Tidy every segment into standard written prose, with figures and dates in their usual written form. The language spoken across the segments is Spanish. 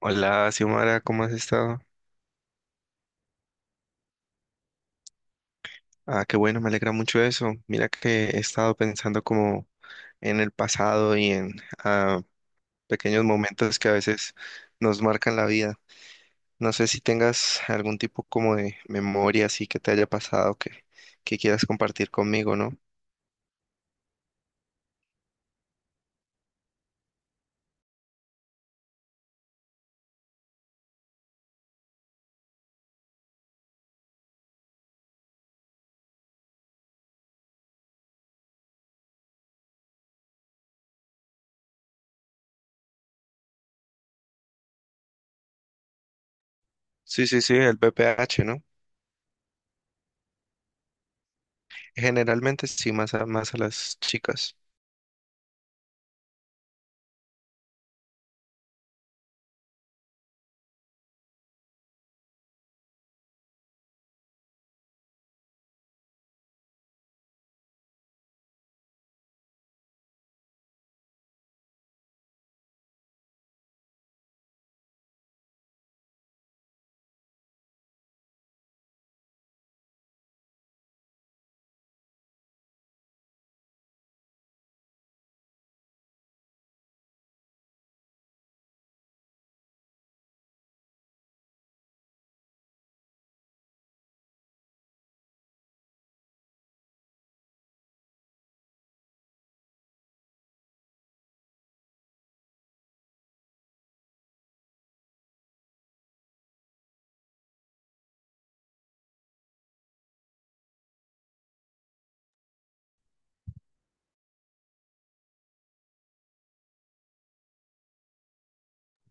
Hola, Xiomara, ¿cómo has estado? Ah, qué bueno, me alegra mucho eso. Mira que he estado pensando como en el pasado y en ah, pequeños momentos que a veces nos marcan la vida. No sé si tengas algún tipo como de memoria así que te haya pasado que quieras compartir conmigo, ¿no? Sí, sí, sí, el BPH, ¿no? Generalmente sí, más a las chicas.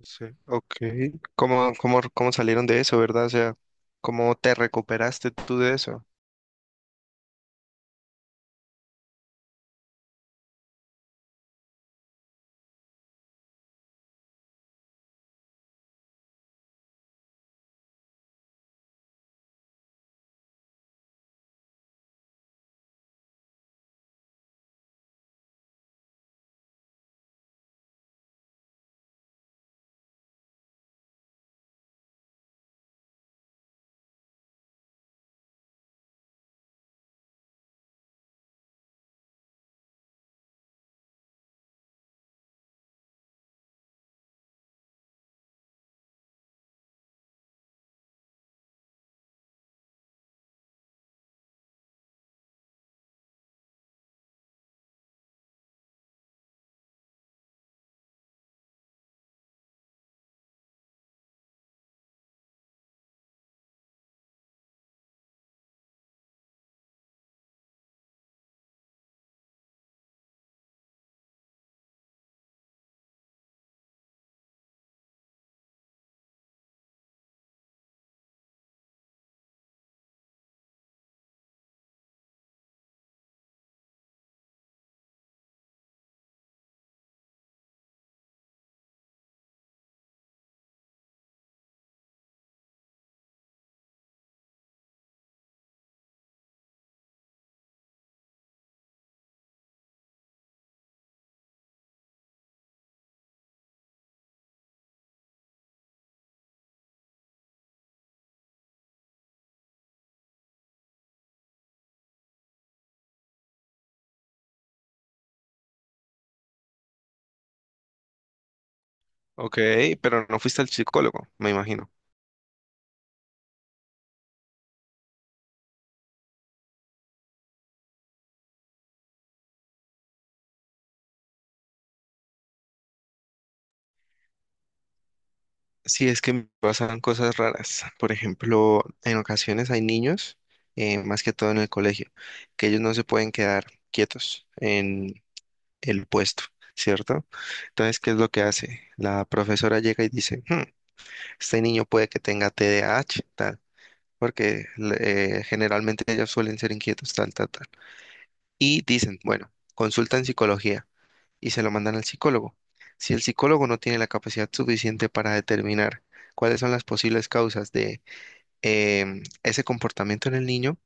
Sí, ok. Cómo salieron de eso, verdad? O sea, ¿cómo te recuperaste tú de eso? Ok, pero no fuiste al psicólogo, me imagino. Sí, es que me pasan cosas raras. Por ejemplo, en ocasiones hay niños, más que todo en el colegio, que ellos no se pueden quedar quietos en el puesto, ¿cierto? Entonces, ¿qué es lo que hace? La profesora llega y dice, este niño puede que tenga TDAH, tal, porque generalmente ellos suelen ser inquietos, tal, tal, tal. Y dicen, bueno, consultan psicología y se lo mandan al psicólogo. Si el psicólogo no tiene la capacidad suficiente para determinar cuáles son las posibles causas de ese comportamiento en el niño,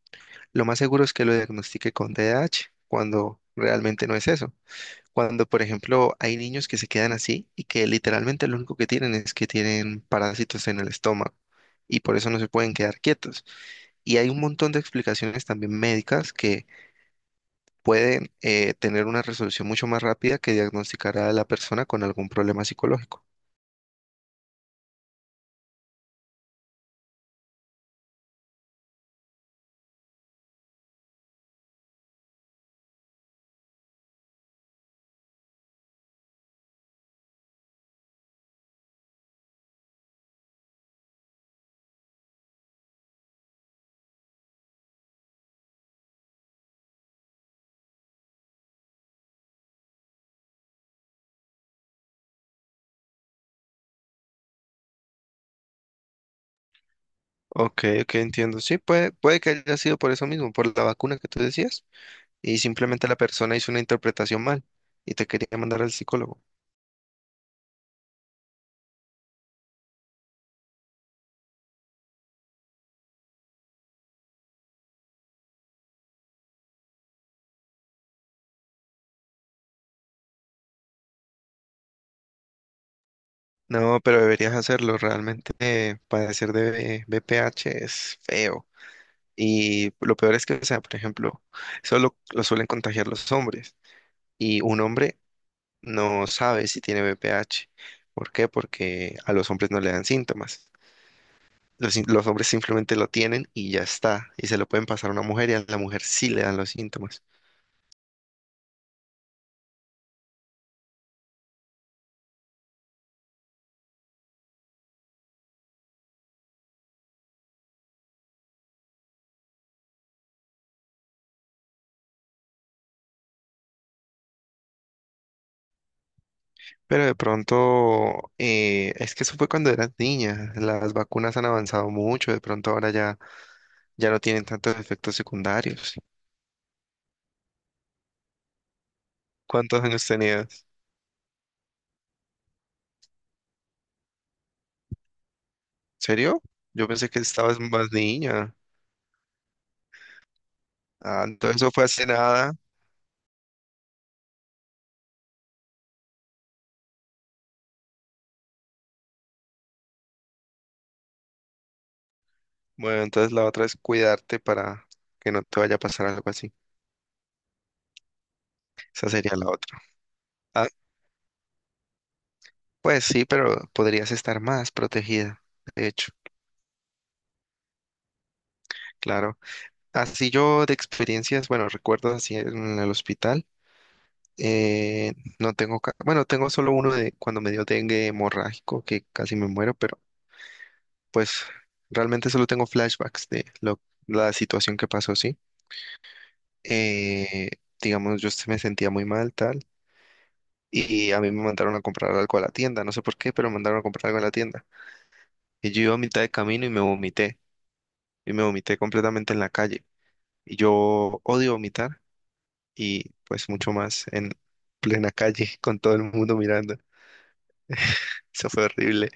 lo más seguro es que lo diagnostique con TDAH, cuando realmente no es eso. Cuando, por ejemplo, hay niños que se quedan así y que literalmente lo único que tienen es que tienen parásitos en el estómago y por eso no se pueden quedar quietos. Y hay un montón de explicaciones también médicas que puede tener una resolución mucho más rápida que diagnosticar a la persona con algún problema psicológico. Ok, ok, entiendo. Sí, puede que haya sido por eso mismo, por la vacuna que tú decías, y simplemente la persona hizo una interpretación mal y te quería mandar al psicólogo. No, pero deberías hacerlo. Realmente padecer de BPH es feo. Y lo peor es que, o sea, por ejemplo, solo lo suelen contagiar los hombres. Y un hombre no sabe si tiene BPH. ¿Por qué? Porque a los hombres no le dan síntomas. Los, sin- Los hombres simplemente lo tienen y ya está. Y se lo pueden pasar a una mujer y a la mujer sí le dan los síntomas. Pero de pronto, es que eso fue cuando eras niña. Las vacunas han avanzado mucho. De pronto ya no tienen tantos efectos secundarios. ¿Cuántos años tenías? ¿Serio? Yo pensé que estabas más niña. Ah, entonces eso fue hace nada. Bueno, entonces la otra es cuidarte para que no te vaya a pasar algo así. Esa sería la otra. Ah, pues sí, pero podrías estar más protegida, de hecho, claro. Así yo de experiencias, bueno, recuerdo así en el hospital, eh, no tengo, ca- bueno, tengo solo uno de cuando me dio dengue hemorrágico, que casi me muero, pero pues realmente solo tengo flashbacks de la situación que pasó, sí. Eh, digamos, me sentía muy mal, tal, y a mí me mandaron a comprar algo a la tienda, no sé por qué, pero me mandaron a comprar algo a la tienda. Y yo iba a mitad de camino y me vomité y me vomité completamente en la calle. Y yo odio vomitar y pues mucho más en plena calle con todo el mundo mirando. Eso fue horrible.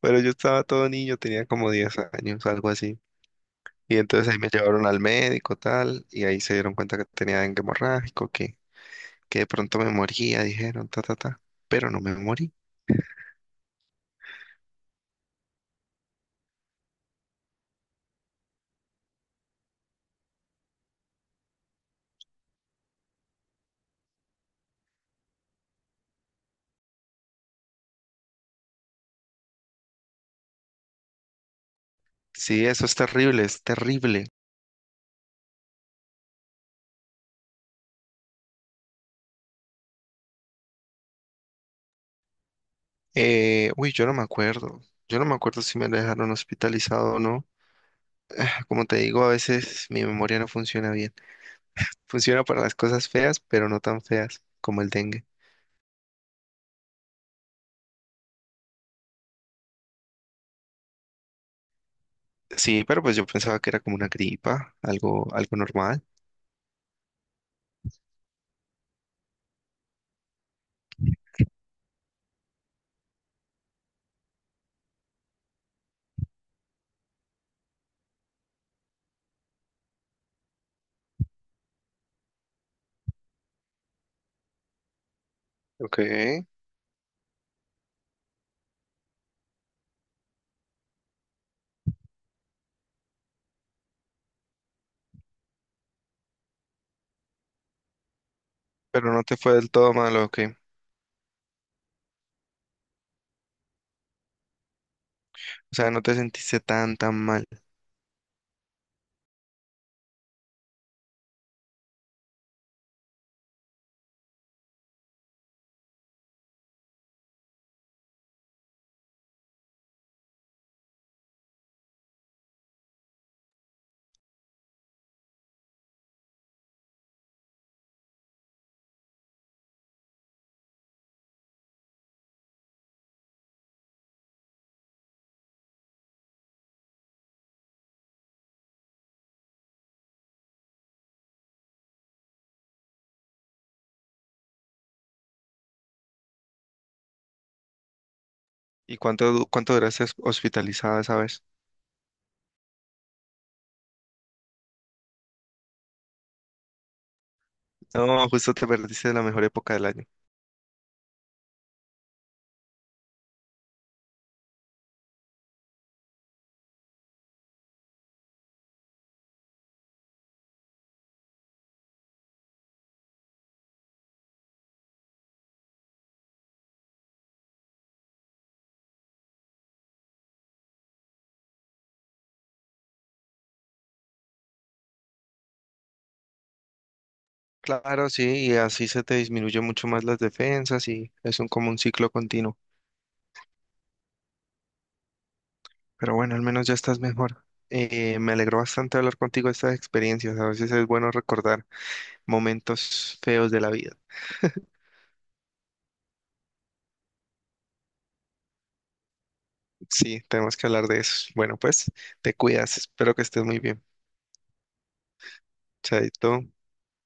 Pero yo estaba todo niño, tenía como 10 años, algo así. Y entonces ahí me llevaron al médico, tal, y ahí se dieron cuenta que tenía dengue hemorrágico, que de pronto me moría, dijeron, ta, ta, ta. Pero no me morí. Sí, eso es terrible, es terrible. Yo no me acuerdo. Yo no me acuerdo si me dejaron hospitalizado o no. Como te digo, a veces mi memoria no funciona bien. Funciona para las cosas feas, pero no tan feas como el dengue. Sí, pero pues yo pensaba que era como una gripa, algo normal. Ok. Pero no te fue del todo mal, ¿ok? O sea, no te sentiste tan mal. ¿Y cuánto duraste hospitalizada esa vez? No, justo te perdiste de la mejor época del año. Claro, sí, y así se te disminuye mucho más las defensas y es como un ciclo continuo. Pero bueno, al menos ya estás mejor. Me alegró bastante hablar contigo de estas experiencias. A veces es bueno recordar momentos feos de la vida. Sí, tenemos que hablar de eso. Bueno, pues te cuidas. Espero que estés muy bien. Chaito.